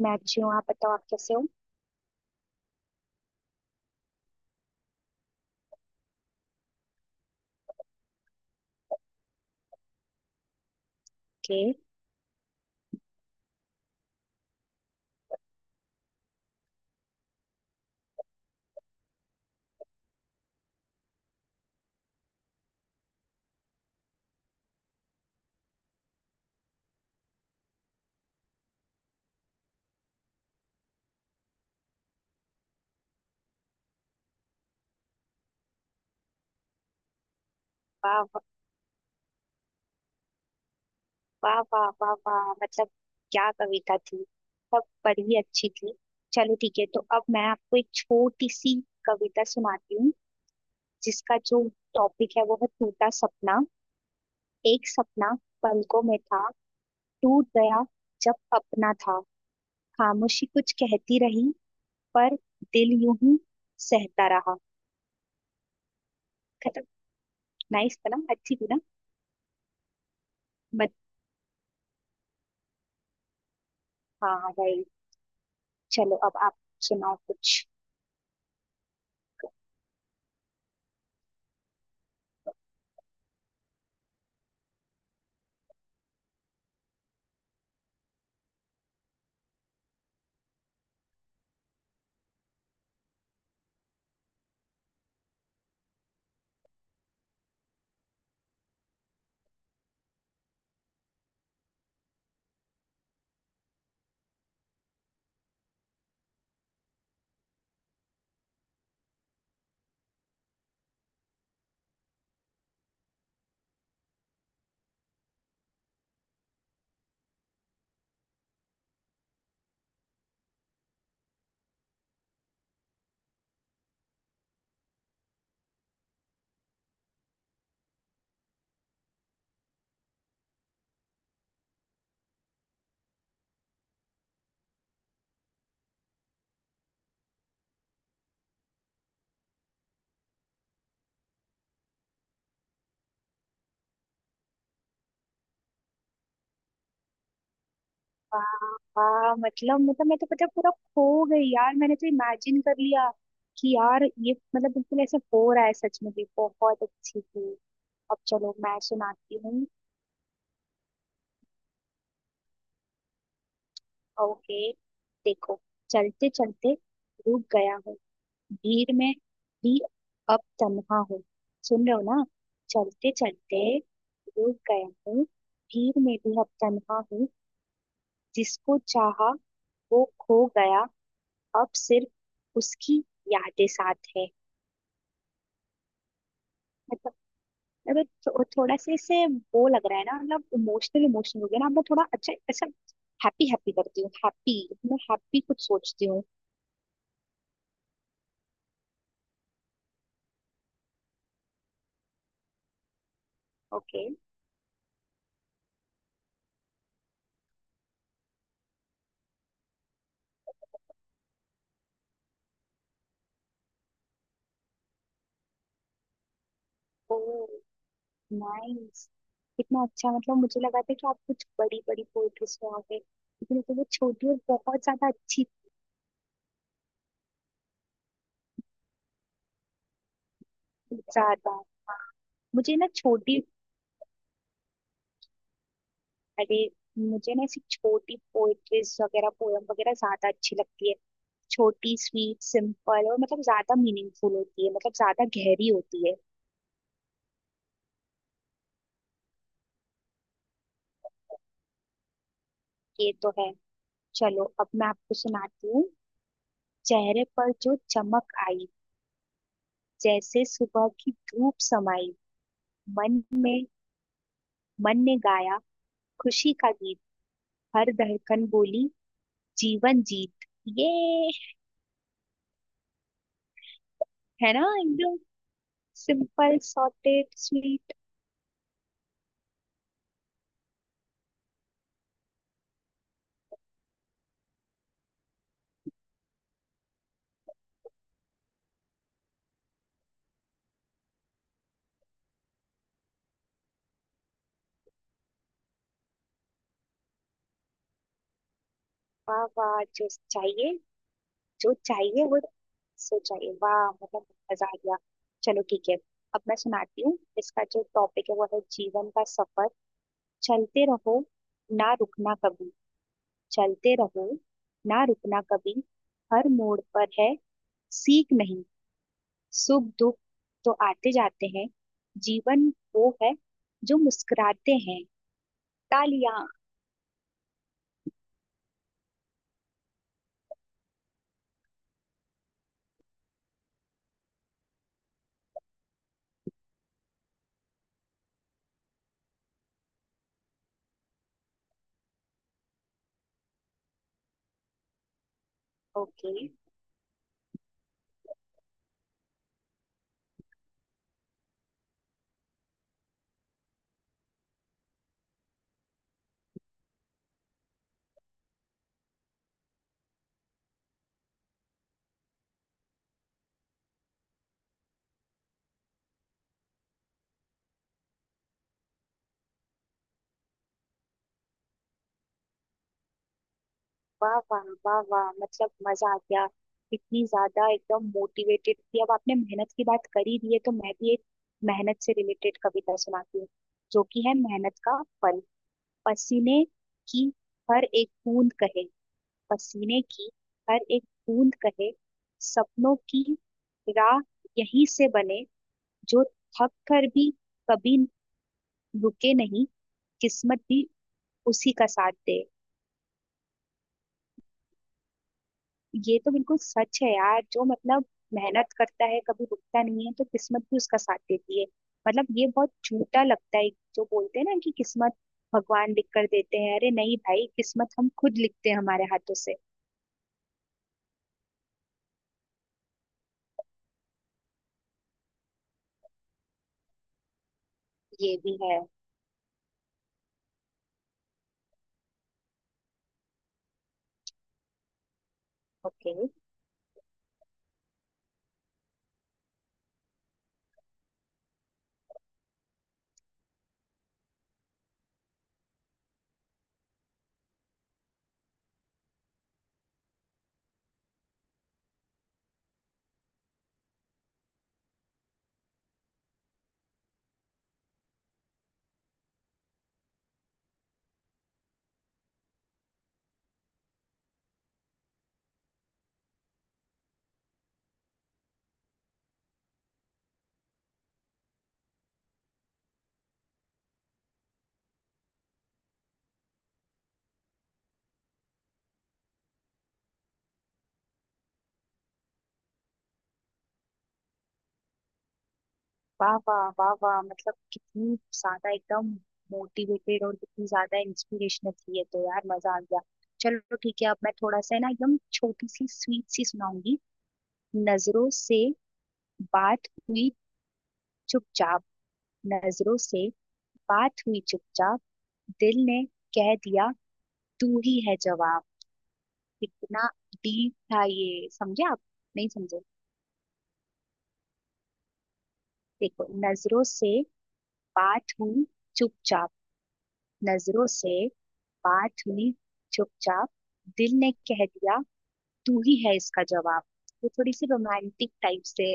मैं अच्छी हूँ। आप बताओ, आप कैसे हो। ओके। वाह वाह वाह वाह वाह वाह। मतलब क्या कविता थी। सब बड़ी ही अच्छी थी। चलो ठीक है, तो अब मैं आपको एक छोटी सी कविता सुनाती हूँ जिसका जो टॉपिक है वो है टूटा सपना। एक सपना पलकों में था, टूट गया जब अपना था। खामोशी कुछ कहती रही, पर दिल यूं ही सहता रहा। नाइस था ना, अच्छी थी ना। बट हाँ भाई, चलो अब आप सुनाओ कुछ। हाँ मतलब मैं तो पता है पूरा खो गई यार। मैंने तो इमेजिन कर लिया कि यार ये मतलब बिल्कुल ऐसा हो रहा है, सच में भी बहुत अच्छी थी। अब चलो मैं सुनाती हूँ। ओके, देखो। चलते चलते रुक गया हूँ, भीड़ में भी अब तन्हा हूँ। सुन रहे हो ना। चलते चलते रुक गया हूँ, भीड़ में भी अब तन्हा हूँ। जिसको चाहा वो खो गया, अब सिर्फ उसकी यादें साथ है। मतलब थोड़ा सा इससे वो लग रहा है ना। मतलब इमोशनल इमोशनल हो गया ना। अब मैं थोड़ा अच्छा अच्छा हैप्पी हैप्पी करती हूँ। हैप्पी, मैं हैप्पी कुछ सोचती हूँ। ओके। नाइस। इतना अच्छा, मतलब मुझे लगा था कि आप कुछ बड़ी बड़ी पोएट्री सुनाओगे, लेकिन तो वो छोटी और बहुत ज्यादा अच्छी। ज्यादा, मुझे ना छोटी। अरे, मुझे ना ऐसी छोटी पोएट्रीज वगैरह पोयम वगैरह ज्यादा अच्छी लगती है। छोटी, स्वीट, सिंपल और मतलब ज्यादा मीनिंगफुल होती है, मतलब ज्यादा गहरी होती है। ये तो है। चलो अब मैं आपको सुनाती हूँ। चेहरे पर जो चमक आई, जैसे सुबह की धूप समाई। मन में, मन ने गाया खुशी का गीत। हर धड़कन बोली जीवन जीत। ये, है ना एकदम सिंपल, सॉर्टेड, स्वीट। वाह वाह, जो चाहिए, जो चाहिए वो सो चाहिए। वाह मतलब मजा आ गया। चलो ठीक है, अब मैं सुनाती हूँ। इसका जो टॉपिक है वो है जीवन का सफर। चलते रहो, ना रुकना कभी। चलते रहो, ना रुकना कभी। हर मोड़ पर है सीख नहीं। सुख दुख तो आते जाते हैं। जीवन वो है जो मुस्कुराते हैं। तालियां। ओके। वाह वाह वाह वाह, मतलब मजा आ गया। इतनी ज्यादा एकदम मोटिवेटेड थी। अब आपने मेहनत की बात करी दी है तो मैं भी एक मेहनत से रिलेटेड कविता सुनाती हूँ, जो कि है मेहनत का फल। पसीने की हर एक बूंद कहे, पसीने की हर एक बूंद कहे, सपनों की राह यहीं से बने। जो थक कर भी कभी रुके नहीं, किस्मत भी उसी का साथ दे। ये तो बिल्कुल सच है यार, जो मतलब मेहनत करता है, कभी रुकता नहीं है, तो किस्मत भी उसका साथ देती है। मतलब ये बहुत झूठा लगता है जो बोलते हैं ना कि किस्मत भगवान लिख कर देते हैं। अरे नहीं भाई, किस्मत हम खुद लिखते हैं हमारे हाथों से। ये भी है। ओके। वाह वाह वाह वाह, मतलब कितनी ज्यादा एकदम मोटिवेटेड और कितनी ज्यादा इंस्पिरेशनल थी ये तो यार। मजा आ गया। चलो ठीक है, अब मैं थोड़ा सा है ना एकदम छोटी सी स्वीट सी सुनाऊंगी। नजरों से बात हुई चुपचाप, नजरों से बात हुई चुपचाप। दिल ने कह दिया तू ही है जवाब। कितना डीप था ये, समझे आप, नहीं समझे। देखो, नजरों से बात हुई चुपचाप, नजरों से बात हुई चुपचाप। दिल ने कह दिया तू ही है इसका जवाब। वो थोड़ी सी रोमांटिक टाइप से।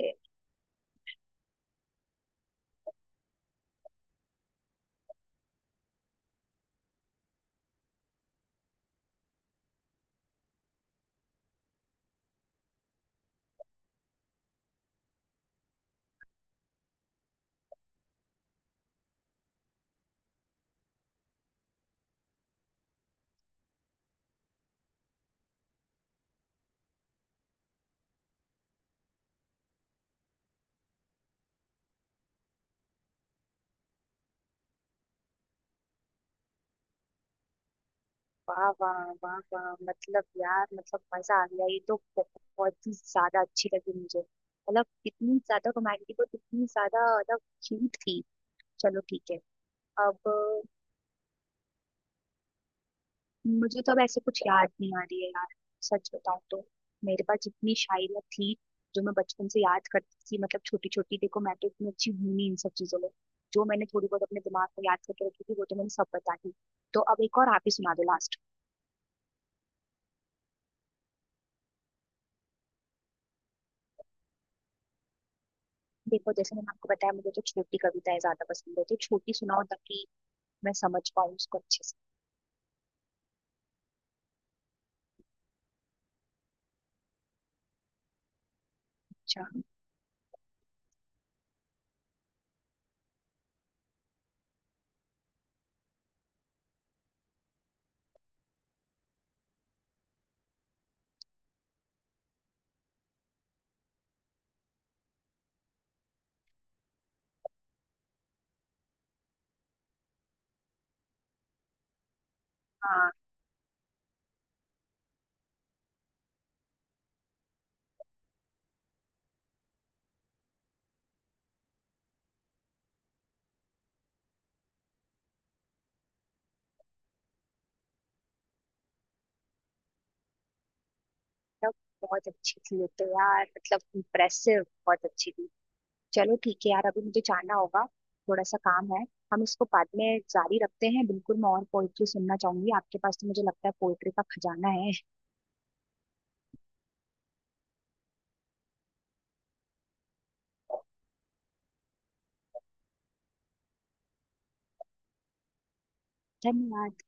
वाह वाह वाह वाह, मतलब यार मतलब मजा आ गया। ये तो बहुत ही ज्यादा अच्छी लगी मुझे। मतलब इतनी ज्यादा रोमांटिक और इतनी ज्यादा मतलब क्यूट थी। चलो ठीक है। अब मुझे तो अब ऐसे कुछ याद नहीं आ रही है यार, सच बताऊं तो। मेरे पास जितनी शायरियाँ थी जो मैं बचपन से याद करती थी, मतलब छोटी छोटी देखो, मैं तो इतनी अच्छी हूं नहीं इन सब चीजों में। जो मैंने थोड़ी बहुत अपने दिमाग में याद करके रखी थी वो तो मैंने सब बता दी। तो अब एक और आप ही सुना दो लास्ट। देखो, जैसे मैंने आपको बताया मुझे तो छोटी कविताएं ज्यादा पसंद है, तो छोटी सुनाओ ताकि मैं समझ पाऊँ उसको अच्छे से। अच्छा। हाँ, तब। बहुत अच्छी थी ये तो यार, मतलब इम्प्रेसिव, बहुत अच्छी थी। चलो ठीक है यार, अभी मुझे जाना होगा, थोड़ा सा काम है। हम इसको बाद में जारी रखते हैं, बिल्कुल मैं और पोइट्री सुनना चाहूंगी। आपके पास तो मुझे लगता है पोइट्री का खजाना है। धन्यवाद।